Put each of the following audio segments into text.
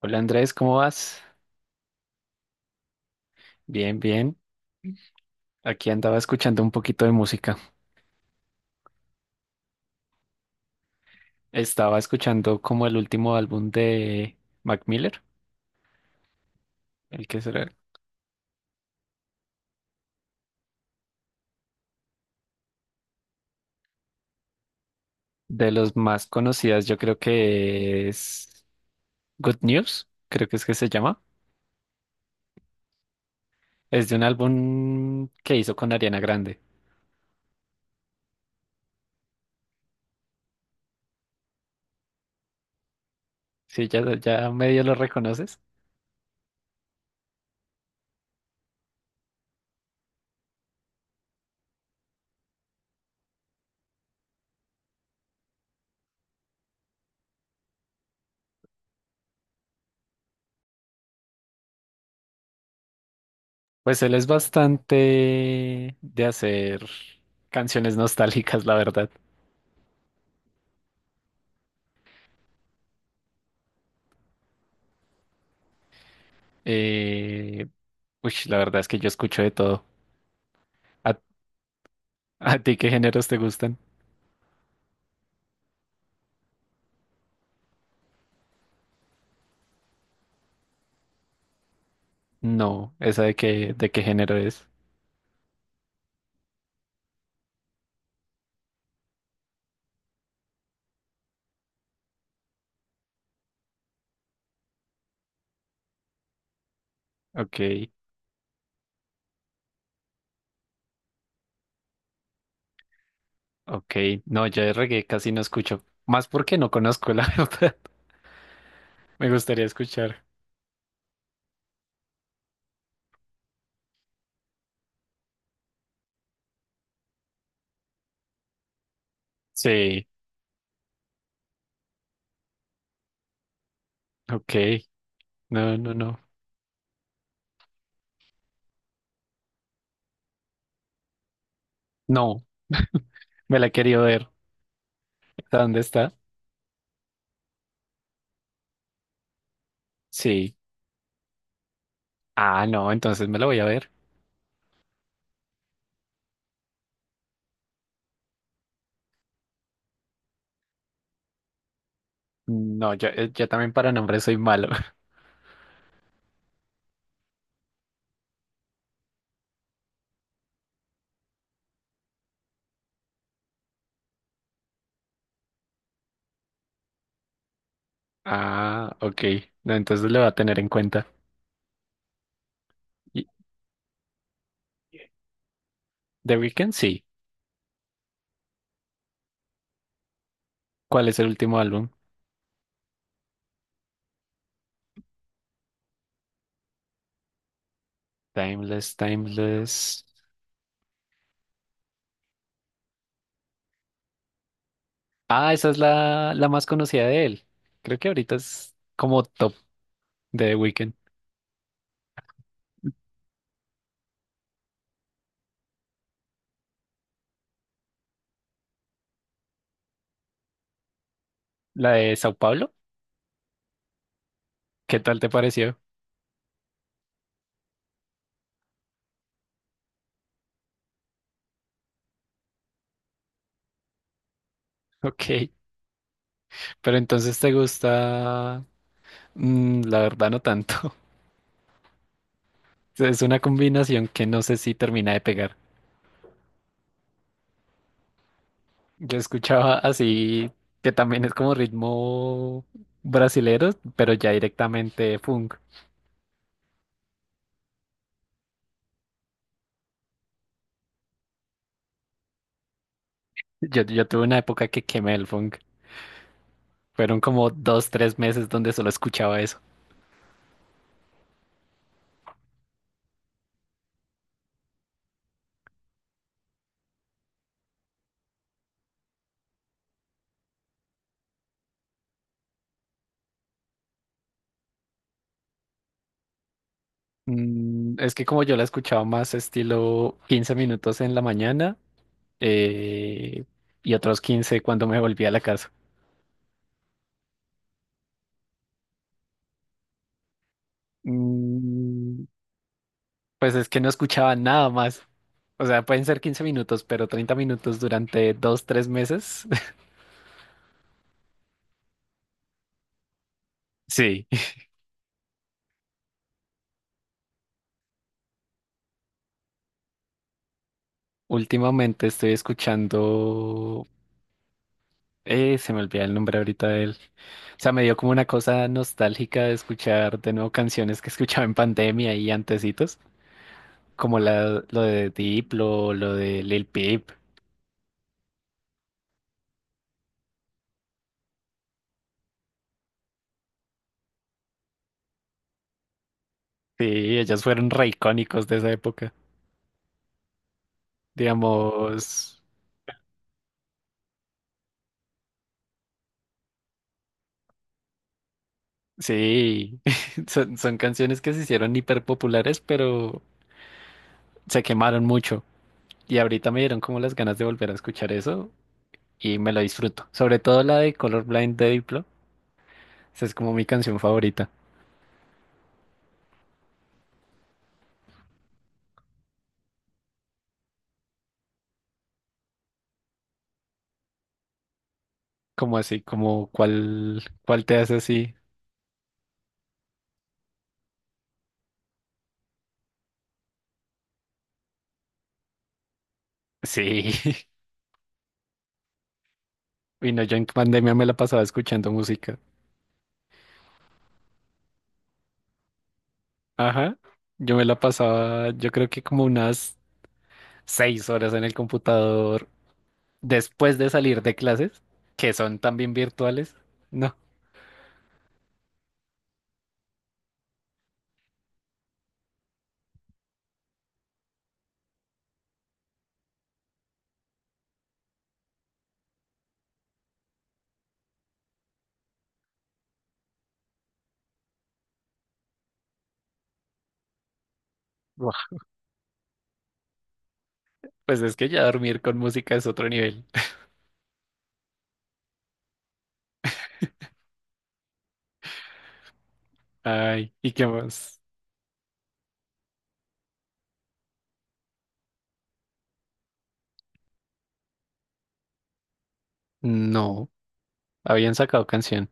Hola Andrés, ¿cómo vas? Bien, bien. Aquí andaba escuchando un poquito de música. Estaba escuchando como el último álbum de Mac Miller, el que será de los más conocidas, yo creo que es Good News, creo que es que se llama. Es de un álbum que hizo con Ariana Grande. Sí, ya, ya medio lo reconoces. Pues él es bastante de hacer canciones nostálgicas, la verdad. Eh, Uy, la verdad es que yo escucho de todo. ¿A ti qué géneros te gustan? No, esa de qué género es. Ok, ok. No, yo de reggae casi no escucho. Más porque no conozco, la verdad. Me gustaría escuchar. Sí, ok. No, no, no. No, me la he querido ver. ¿Está dónde está? Sí. Ah, no, entonces me la voy a ver. No, yo también para nombres soy malo. Ah, ok. No, entonces lo voy a tener en cuenta. Y- The Weeknd, sí. ¿Cuál es el último álbum? Timeless, Timeless. Ah, esa es la más conocida de él. Creo que ahorita es como top de The Weeknd. La de Sao Paulo. ¿Qué tal te pareció? Ok, pero entonces te gusta... Mm, la verdad no tanto. Es una combinación que no sé si termina de pegar. Yo escuchaba así, que también es como ritmo brasilero, pero ya directamente funk. Yo tuve una época que quemé el funk. Fueron como dos, tres meses donde solo escuchaba eso. Es que como yo la he escuchado más estilo 15 minutos en la mañana eh, y otros 15 cuando me volví a la casa. Mm, pues es que no escuchaba nada más. O sea, pueden ser 15 minutos, pero 30 minutos durante dos, tres meses. Sí. Últimamente estoy escuchando... Se me olvida el nombre ahorita de él. O sea, me dio como una cosa nostálgica de escuchar de nuevo canciones que escuchaba en pandemia y antecitos, como lo de Diplo, lo de Lil Peep. Sí, ellos fueron re icónicos de esa época. Digamos, sí, son canciones que se hicieron hiper populares, pero se quemaron mucho. Y ahorita me dieron como las ganas de volver a escuchar eso y me lo disfruto. Sobre todo la de Colorblind de Diplo. Esa es como mi canción favorita. Como así, como cuál te hace así. Sí. Y no, yo en pandemia me la pasaba escuchando música. Ajá. Yo me la pasaba, yo creo que como unas 6 horas en el computador después de salir de clases, que son también virtuales. No, buah, pues es que ya dormir con música es otro nivel. Ay, ¿y qué más? No, habían sacado canción.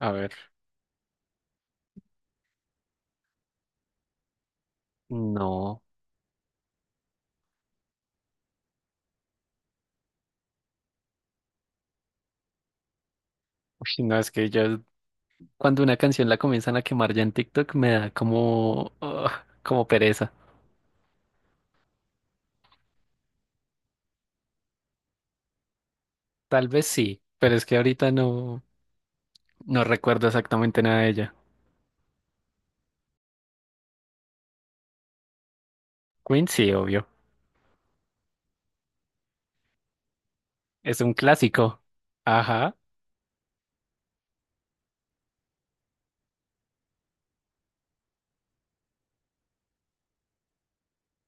A ver, no. Uy, no, es que ya cuando una canción la comienzan a quemar ya en TikTok me da como, ah, como pereza. Tal vez sí, pero es que ahorita no, no recuerdo exactamente nada de ella. Queen sí, obvio. Es un clásico. Ajá.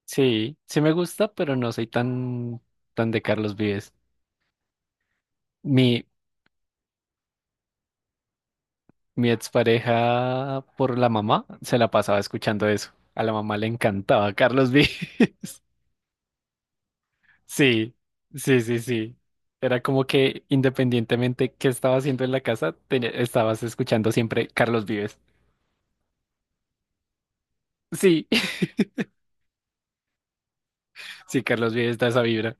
Sí, sí me gusta, pero no soy tan, tan de Carlos Vives. Mi, mi expareja por la mamá se la pasaba escuchando eso. A la mamá le encantaba Carlos Vives. Sí, sí, sí, sí. Era como que independientemente qué estaba haciendo en la casa, tenía- estabas escuchando siempre Carlos Vives. Sí, sí, Carlos Vives da esa vibra.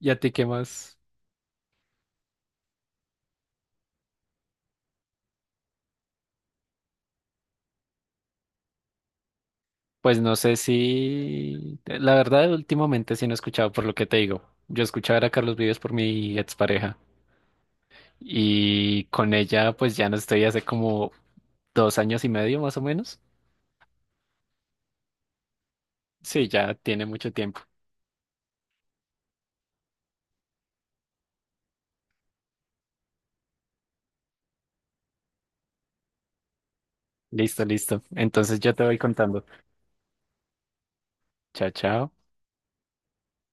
¿Y a ti qué más? Pues no sé si, la verdad, últimamente sí no he escuchado por lo que te digo. Yo escuchaba era a Carlos Vives por mi expareja y con ella pues ya no estoy hace como 2 años y medio más o menos. Sí, ya tiene mucho tiempo. Listo, listo. Entonces yo te voy contando. Chao, chao.